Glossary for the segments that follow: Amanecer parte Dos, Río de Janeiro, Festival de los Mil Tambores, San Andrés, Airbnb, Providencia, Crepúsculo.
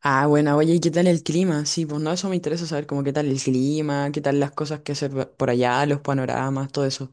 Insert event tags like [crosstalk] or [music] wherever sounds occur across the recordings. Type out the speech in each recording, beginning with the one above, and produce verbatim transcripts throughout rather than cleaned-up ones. Ah, bueno, oye, ¿y qué tal el clima? Sí, pues no, eso me interesa saber, como qué tal el clima, qué tal las cosas que hacer por allá, los panoramas, todo eso.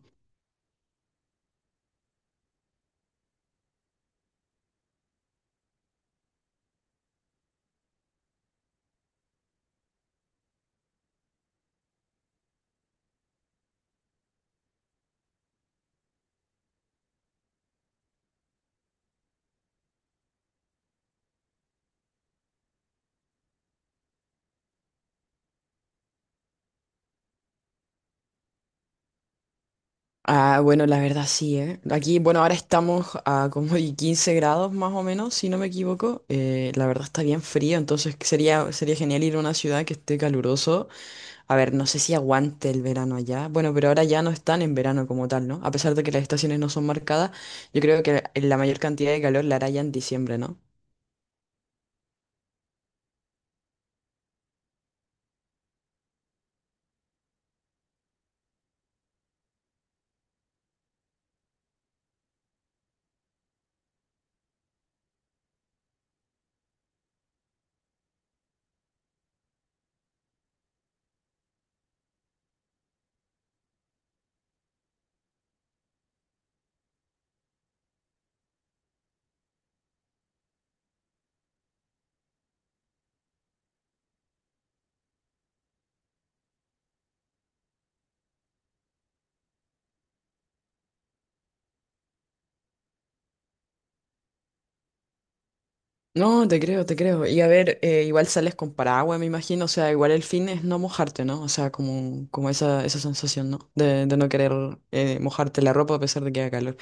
Ah, bueno, la verdad sí, ¿eh? Aquí, bueno, ahora estamos a como y quince grados más o menos, si no me equivoco. Eh, la verdad está bien frío, entonces sería, sería genial ir a una ciudad que esté caluroso. A ver, no sé si aguante el verano allá. Bueno, pero ahora ya no están en verano como tal, ¿no? A pesar de que las estaciones no son marcadas, yo creo que la mayor cantidad de calor la hará ya en diciembre, ¿no? No, te creo, te creo. Y a ver, eh, igual sales con paraguas, me imagino. O sea, igual el fin es no mojarte, ¿no? O sea, como, como esa, esa sensación, ¿no? De, de no querer eh, mojarte la ropa a pesar de que haga calor.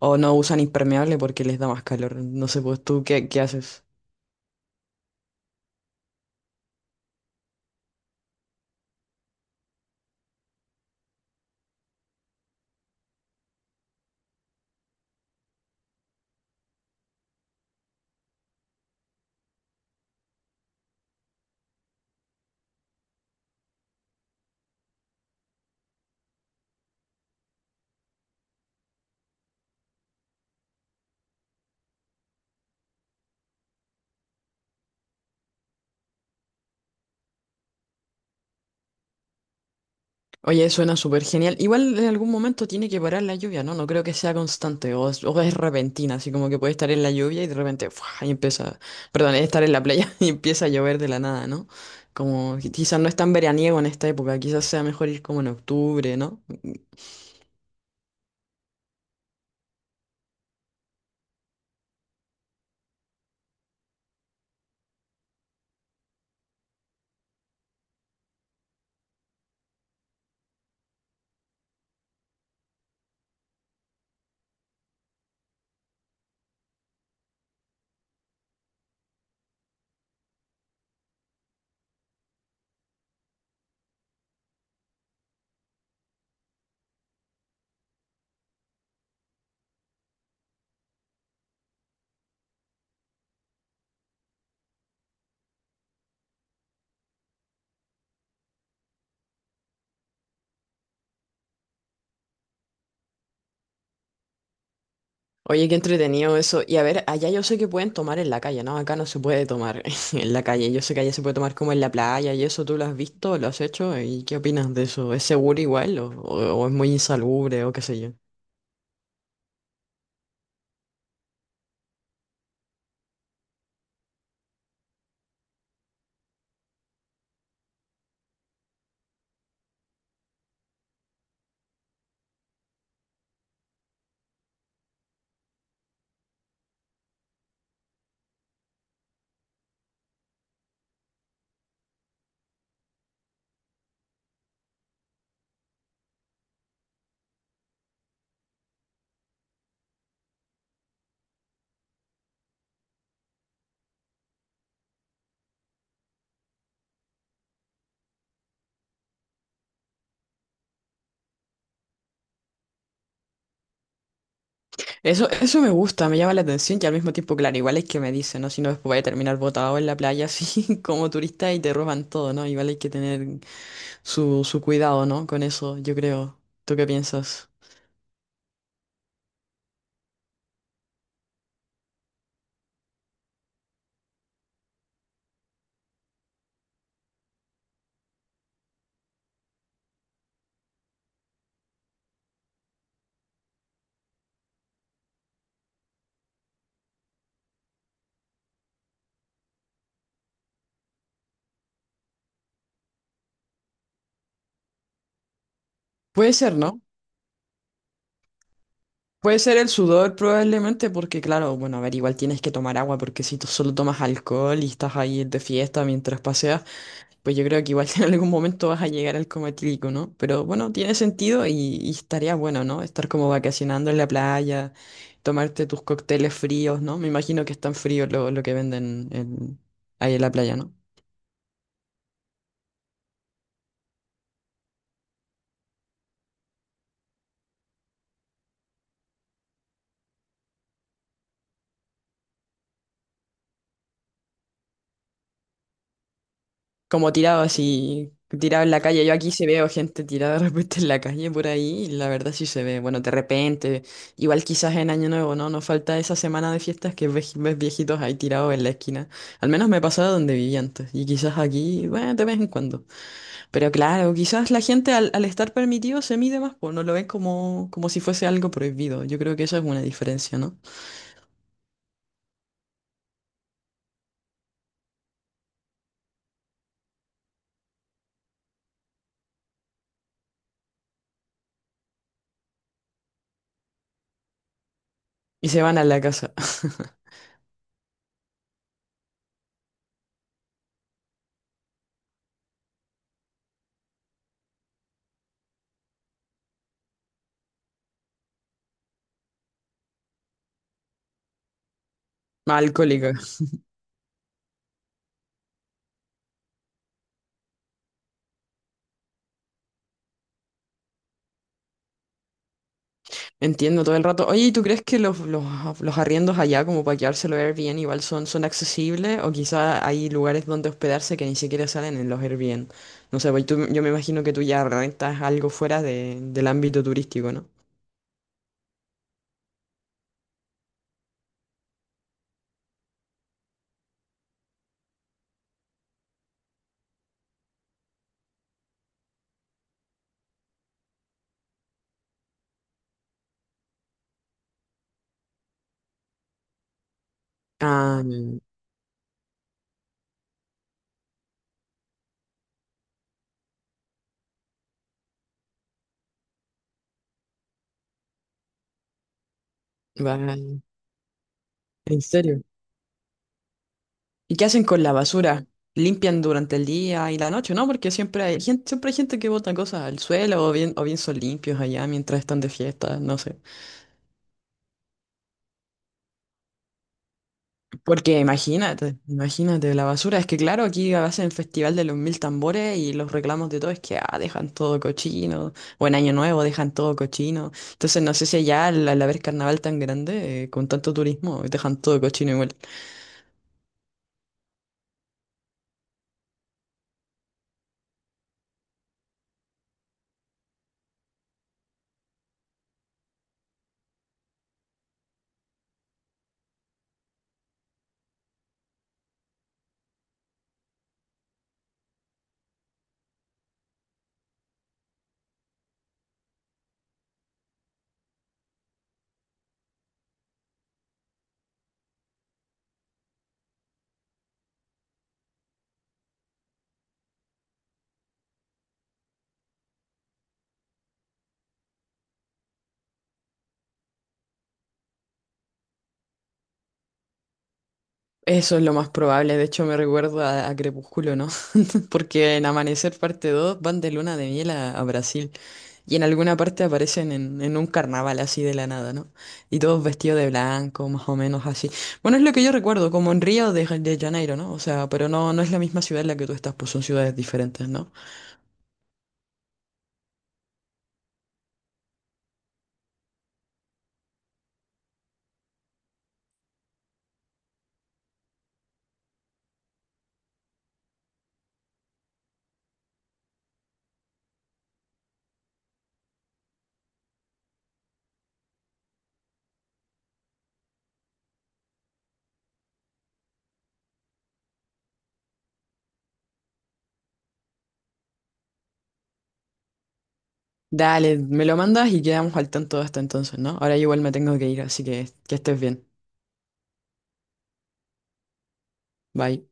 O no usan impermeable porque les da más calor. No sé, pues tú, ¿qué, ¿qué haces? Oye, suena súper genial. Igual en algún momento tiene que parar la lluvia, ¿no? No creo que sea constante o es, o es repentina, así como que puede estar en la lluvia y de repente, ¡fua! Y empieza, perdón, estar en la playa [laughs] y empieza a llover de la nada, ¿no? Como qui- quizás no es tan veraniego en esta época, quizás sea mejor ir como en octubre, ¿no? Oye, qué entretenido eso. Y a ver, allá yo sé que pueden tomar en la calle, ¿no? Acá no se puede tomar [laughs] en la calle. Yo sé que allá se puede tomar como en la playa y eso tú lo has visto, lo has hecho. ¿Y qué opinas de eso? ¿Es seguro igual o, o o es muy insalubre o qué sé yo? Eso, eso me gusta, me llama la atención y al mismo tiempo, claro, igual es que me dicen, ¿no? Si no, después voy a terminar botado en la playa así [laughs] como turista y te roban todo, ¿no? Igual hay que tener su, su cuidado, ¿no? Con eso, yo creo. ¿Tú qué piensas? Puede ser, ¿no? Puede ser el sudor probablemente porque, claro, bueno, a ver, igual tienes que tomar agua porque si tú solo tomas alcohol y estás ahí de fiesta mientras paseas, pues yo creo que igual [laughs] en algún momento vas a llegar al coma etílico, ¿no? Pero bueno, tiene sentido y, y estaría bueno, ¿no? Estar como vacacionando en la playa, tomarte tus cócteles fríos, ¿no? Me imagino que están fríos lo, lo que venden en- ahí en la playa, ¿no? Como tirado así, tirado en la calle. Yo aquí se veo gente tirada de repente en la calle por ahí y la verdad sí se ve. Bueno, de repente, igual quizás en Año Nuevo, ¿no? Nos falta esa semana de fiestas que ves, ves viejitos ahí tirados en la esquina. Al menos me pasaba donde vivía antes y quizás aquí, bueno, de vez en cuando. Pero claro, quizás la gente al, al estar permitido se mide más, pues no lo ven como, como si fuese algo prohibido. Yo creo que eso es una diferencia, ¿no? Y se van a la casa. [laughs] Más alcohólica. Entiendo todo el rato. Oye, ¿y tú crees que los, los, los arriendos allá, como para quedárselo Airbnb, igual son, son accesibles? O quizás hay lugares donde hospedarse que ni siquiera salen en los Airbnb. No sé, pues tú- yo me imagino que tú ya rentas algo fuera de- del ámbito turístico, ¿no? Ah, vale. ¿En serio? ¿Y qué hacen con la basura? ¿Limpian durante el día y la noche? No, porque siempre hay gente, siempre hay gente que bota cosas al suelo o bien, o bien son limpios allá mientras están de fiesta, no sé. Porque imagínate, imagínate, la basura. Es que claro, aquí hacen el Festival de los Mil Tambores y los reclamos de todo es que ah, dejan todo cochino, o en Año Nuevo dejan todo cochino. Entonces no sé si allá al, al haber carnaval tan grande, eh, con tanto turismo, dejan todo cochino igual. Eso es lo más probable, de hecho me recuerdo a, a Crepúsculo, ¿no? Porque en Amanecer parte Dos van de luna de miel a, a Brasil y en alguna parte aparecen en, en un carnaval así de la nada, ¿no? Y todos vestidos de blanco, más o menos así. Bueno, es lo que yo recuerdo, como en Río de, Ja- de Janeiro, ¿no? O sea, pero no, no es la misma ciudad en la que tú estás, pues son ciudades diferentes, ¿no? Dale, me lo mandas y quedamos al tanto hasta entonces, ¿no? Ahora igual me tengo que ir, así que que estés bien. Bye.